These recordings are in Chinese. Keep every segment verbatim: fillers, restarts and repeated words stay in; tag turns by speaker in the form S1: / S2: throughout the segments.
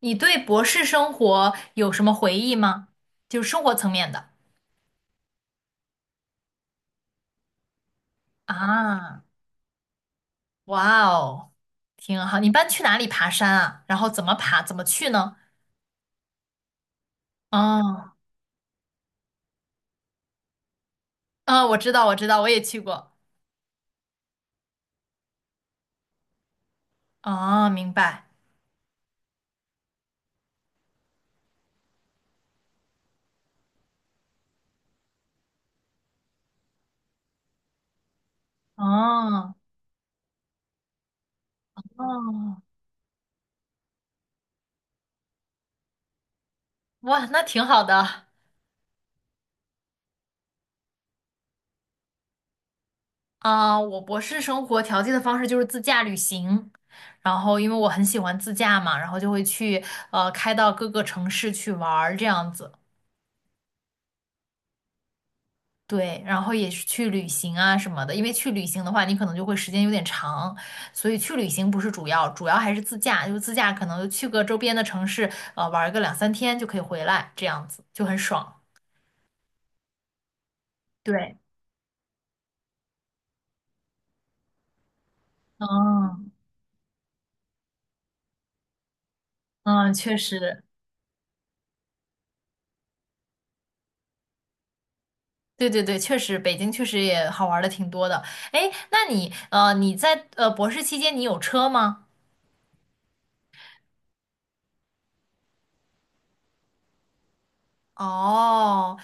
S1: 你对博士生活有什么回忆吗？就是生活层面的。啊，哇哦，挺好。你一般去哪里爬山啊？然后怎么爬？怎么去呢？哦，啊，我知道，我知道，我也去过。哦，明白。哦。哦。哇，那挺好的。啊，我博士生活调剂的方式就是自驾旅行。然后，因为我很喜欢自驾嘛，然后就会去呃开到各个城市去玩儿这样子。对，然后也是去旅行啊什么的，因为去旅行的话，你可能就会时间有点长，所以去旅行不是主要，主要还是自驾，就自驾可能就去个周边的城市，呃，玩个两三天就可以回来，这样子就很爽。对。嗯嗯，确实。对对对，确实，北京确实也好玩的挺多的。哎，那你呃你在呃博士期间你有车吗？哦，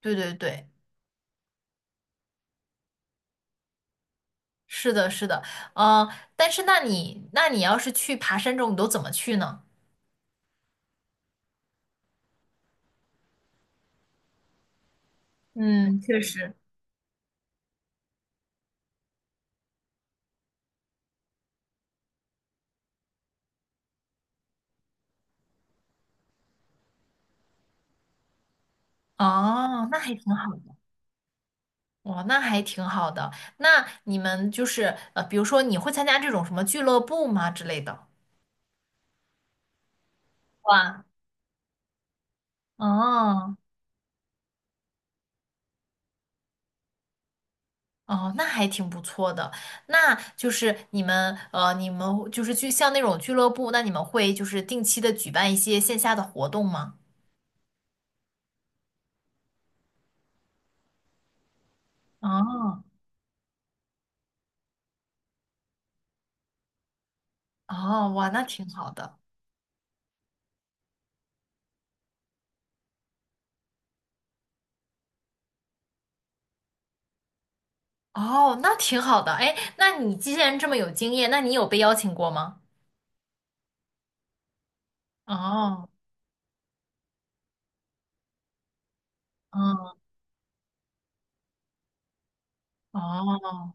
S1: 对对对，是的，是的。嗯，但是那你那你要是去爬山这种，你都怎么去呢？嗯，确实。哦，那还挺好的。哇，那还挺好的。那你们就是呃，比如说你会参加这种什么俱乐部吗之类的？哇。哦哦，那还挺不错的。那就是你们呃，你们就是去像那种俱乐部，那你们会就是定期的举办一些线下的活动吗？哦。哦，哇，那挺好的。哦，那挺好的。哎，那你既然这么有经验，那你有被邀请过吗？哦。嗯。哦。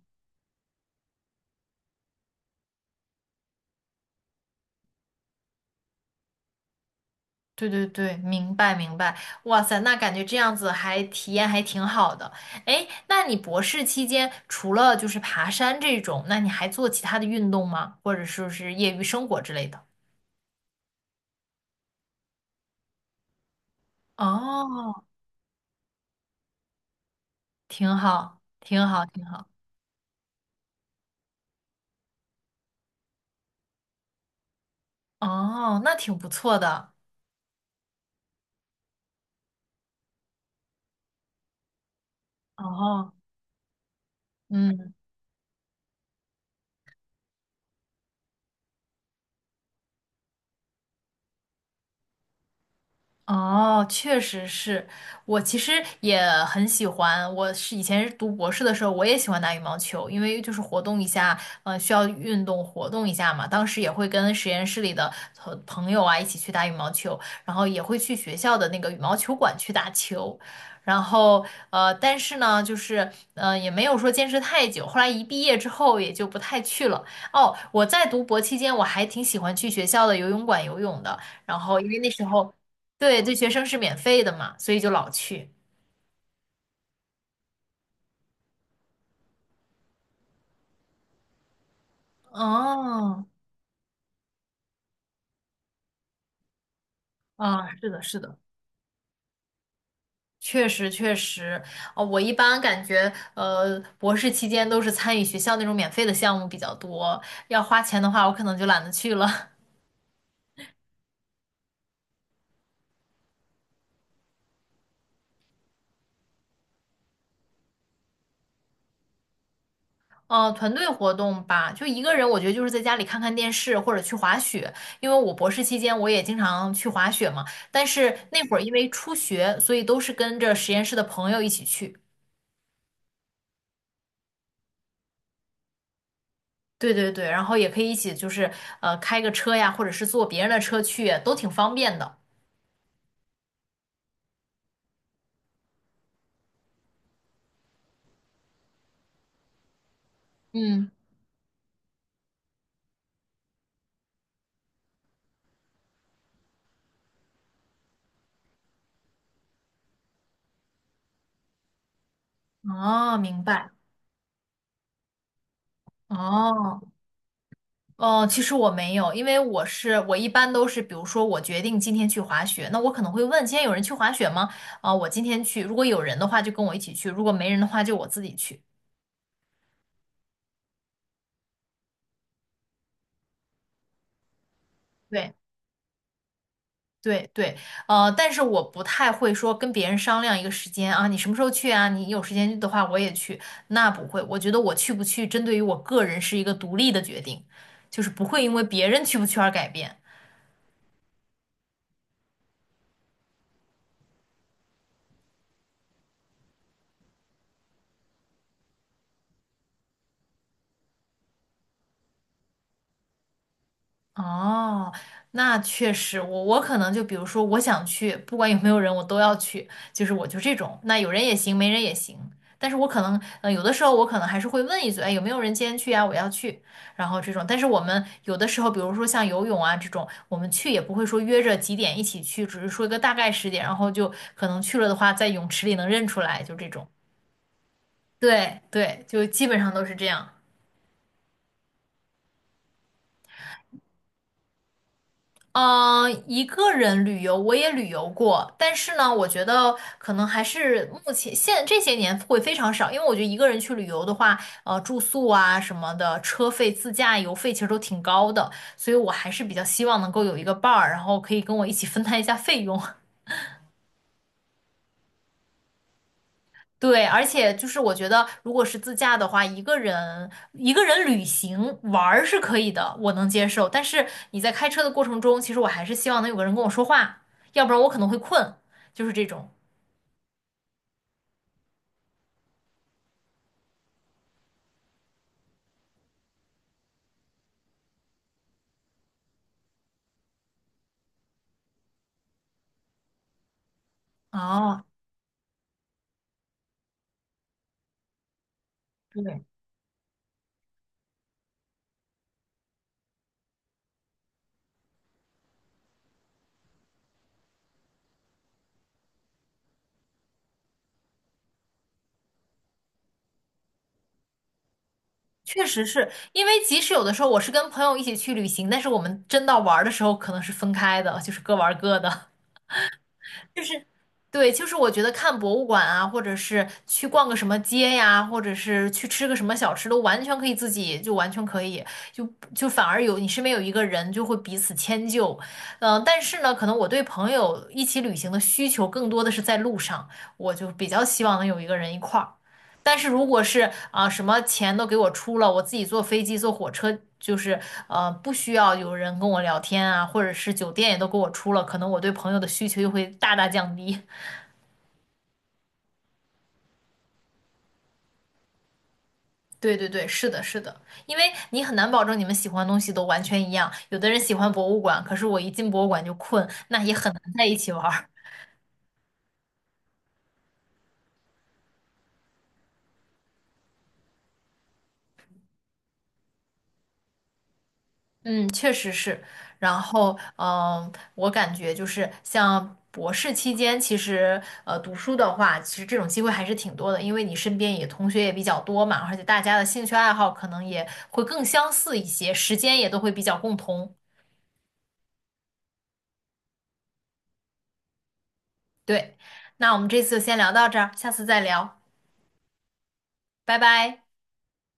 S1: 对对对，明白明白。哇塞，那感觉这样子还体验还挺好的。哎，那你博士期间除了就是爬山这种，那你还做其他的运动吗？或者说是业余生活之类的？哦。挺好，挺好，挺好。哦，那挺不错的。哦。嗯。哦，确实是，我其实也很喜欢。我是以前是读博士的时候，我也喜欢打羽毛球，因为就是活动一下，嗯，需要运动活动一下嘛。当时也会跟实验室里的呃朋友啊一起去打羽毛球，然后也会去学校的那个羽毛球馆去打球。然后呃，但是呢，就是嗯，也没有说坚持太久。后来一毕业之后，也就不太去了。哦，我在读博期间，我还挺喜欢去学校的游泳馆游泳的。然后因为那时候对，对学生是免费的嘛，所以就老去。哦。啊，是的，是的。确实确实。哦，我一般感觉，呃，博士期间都是参与学校那种免费的项目比较多，要花钱的话，我可能就懒得去了。哦，团队活动吧，就一个人，我觉得就是在家里看看电视或者去滑雪，因为我博士期间我也经常去滑雪嘛，但是那会儿因为初学，所以都是跟着实验室的朋友一起去。对对对，然后也可以一起就是呃开个车呀，或者是坐别人的车去，都挺方便的。嗯。哦，明白。哦。哦，其实我没有，因为我是我一般都是，比如说我决定今天去滑雪，那我可能会问今天有人去滑雪吗？啊，我今天去，如果有人的话就跟我一起去，如果没人的话就我自己去。对。对对，呃，但是我不太会说跟别人商量一个时间啊，你什么时候去啊？你有时间的话我也去，那不会。我觉得我去不去，针对于我个人是一个独立的决定，就是不会因为别人去不去而改变。哦，那确实，我我可能就比如说，我想去，不管有没有人，我都要去，就是我就这种，那有人也行，没人也行。但是我可能，呃，有的时候我可能还是会问一嘴，哎，有没有人今天去啊？我要去，然后这种。但是我们有的时候，比如说像游泳啊这种，我们去也不会说约着几点一起去，只是说一个大概时间，然后就可能去了的话，在泳池里能认出来，就这种。对对，就基本上都是这样。嗯，呃一个人旅游我也旅游过，但是呢，我觉得可能还是目前现这些年会非常少，因为我觉得一个人去旅游的话，呃，住宿啊什么的，车费、自驾游费其实都挺高的，所以我还是比较希望能够有一个伴儿，然后可以跟我一起分摊一下费用。对，而且就是我觉得，如果是自驾的话，一个人一个人旅行玩儿是可以的，我能接受。但是你在开车的过程中，其实我还是希望能有个人跟我说话，要不然我可能会困，就是这种。哦，对，确实是因为即使有的时候我是跟朋友一起去旅行，但是我们真到玩儿的时候可能是分开的，就是各玩儿各的。就是对，就是我觉得看博物馆啊，或者是去逛个什么街呀，或者是去吃个什么小吃，都完全可以自己，就完全可以，就就反而有你身边有一个人，就会彼此迁就。嗯，但是呢，可能我对朋友一起旅行的需求更多的是在路上，我就比较希望能有一个人一块儿。但是如果是啊，什么钱都给我出了，我自己坐飞机坐火车，就是呃不需要有人跟我聊天啊，或者是酒店也都给我出了，可能我对朋友的需求又会大大降低。对对对，是的，是的，因为你很难保证你们喜欢的东西都完全一样，有的人喜欢博物馆，可是我一进博物馆就困，那也很难在一起玩儿。嗯，确实是。然后，嗯，我感觉就是像博士期间，其实呃读书的话，其实这种机会还是挺多的，因为你身边也同学也比较多嘛，而且大家的兴趣爱好可能也会更相似一些，时间也都会比较共同。对，那我们这次就先聊到这儿，下次再聊，拜拜。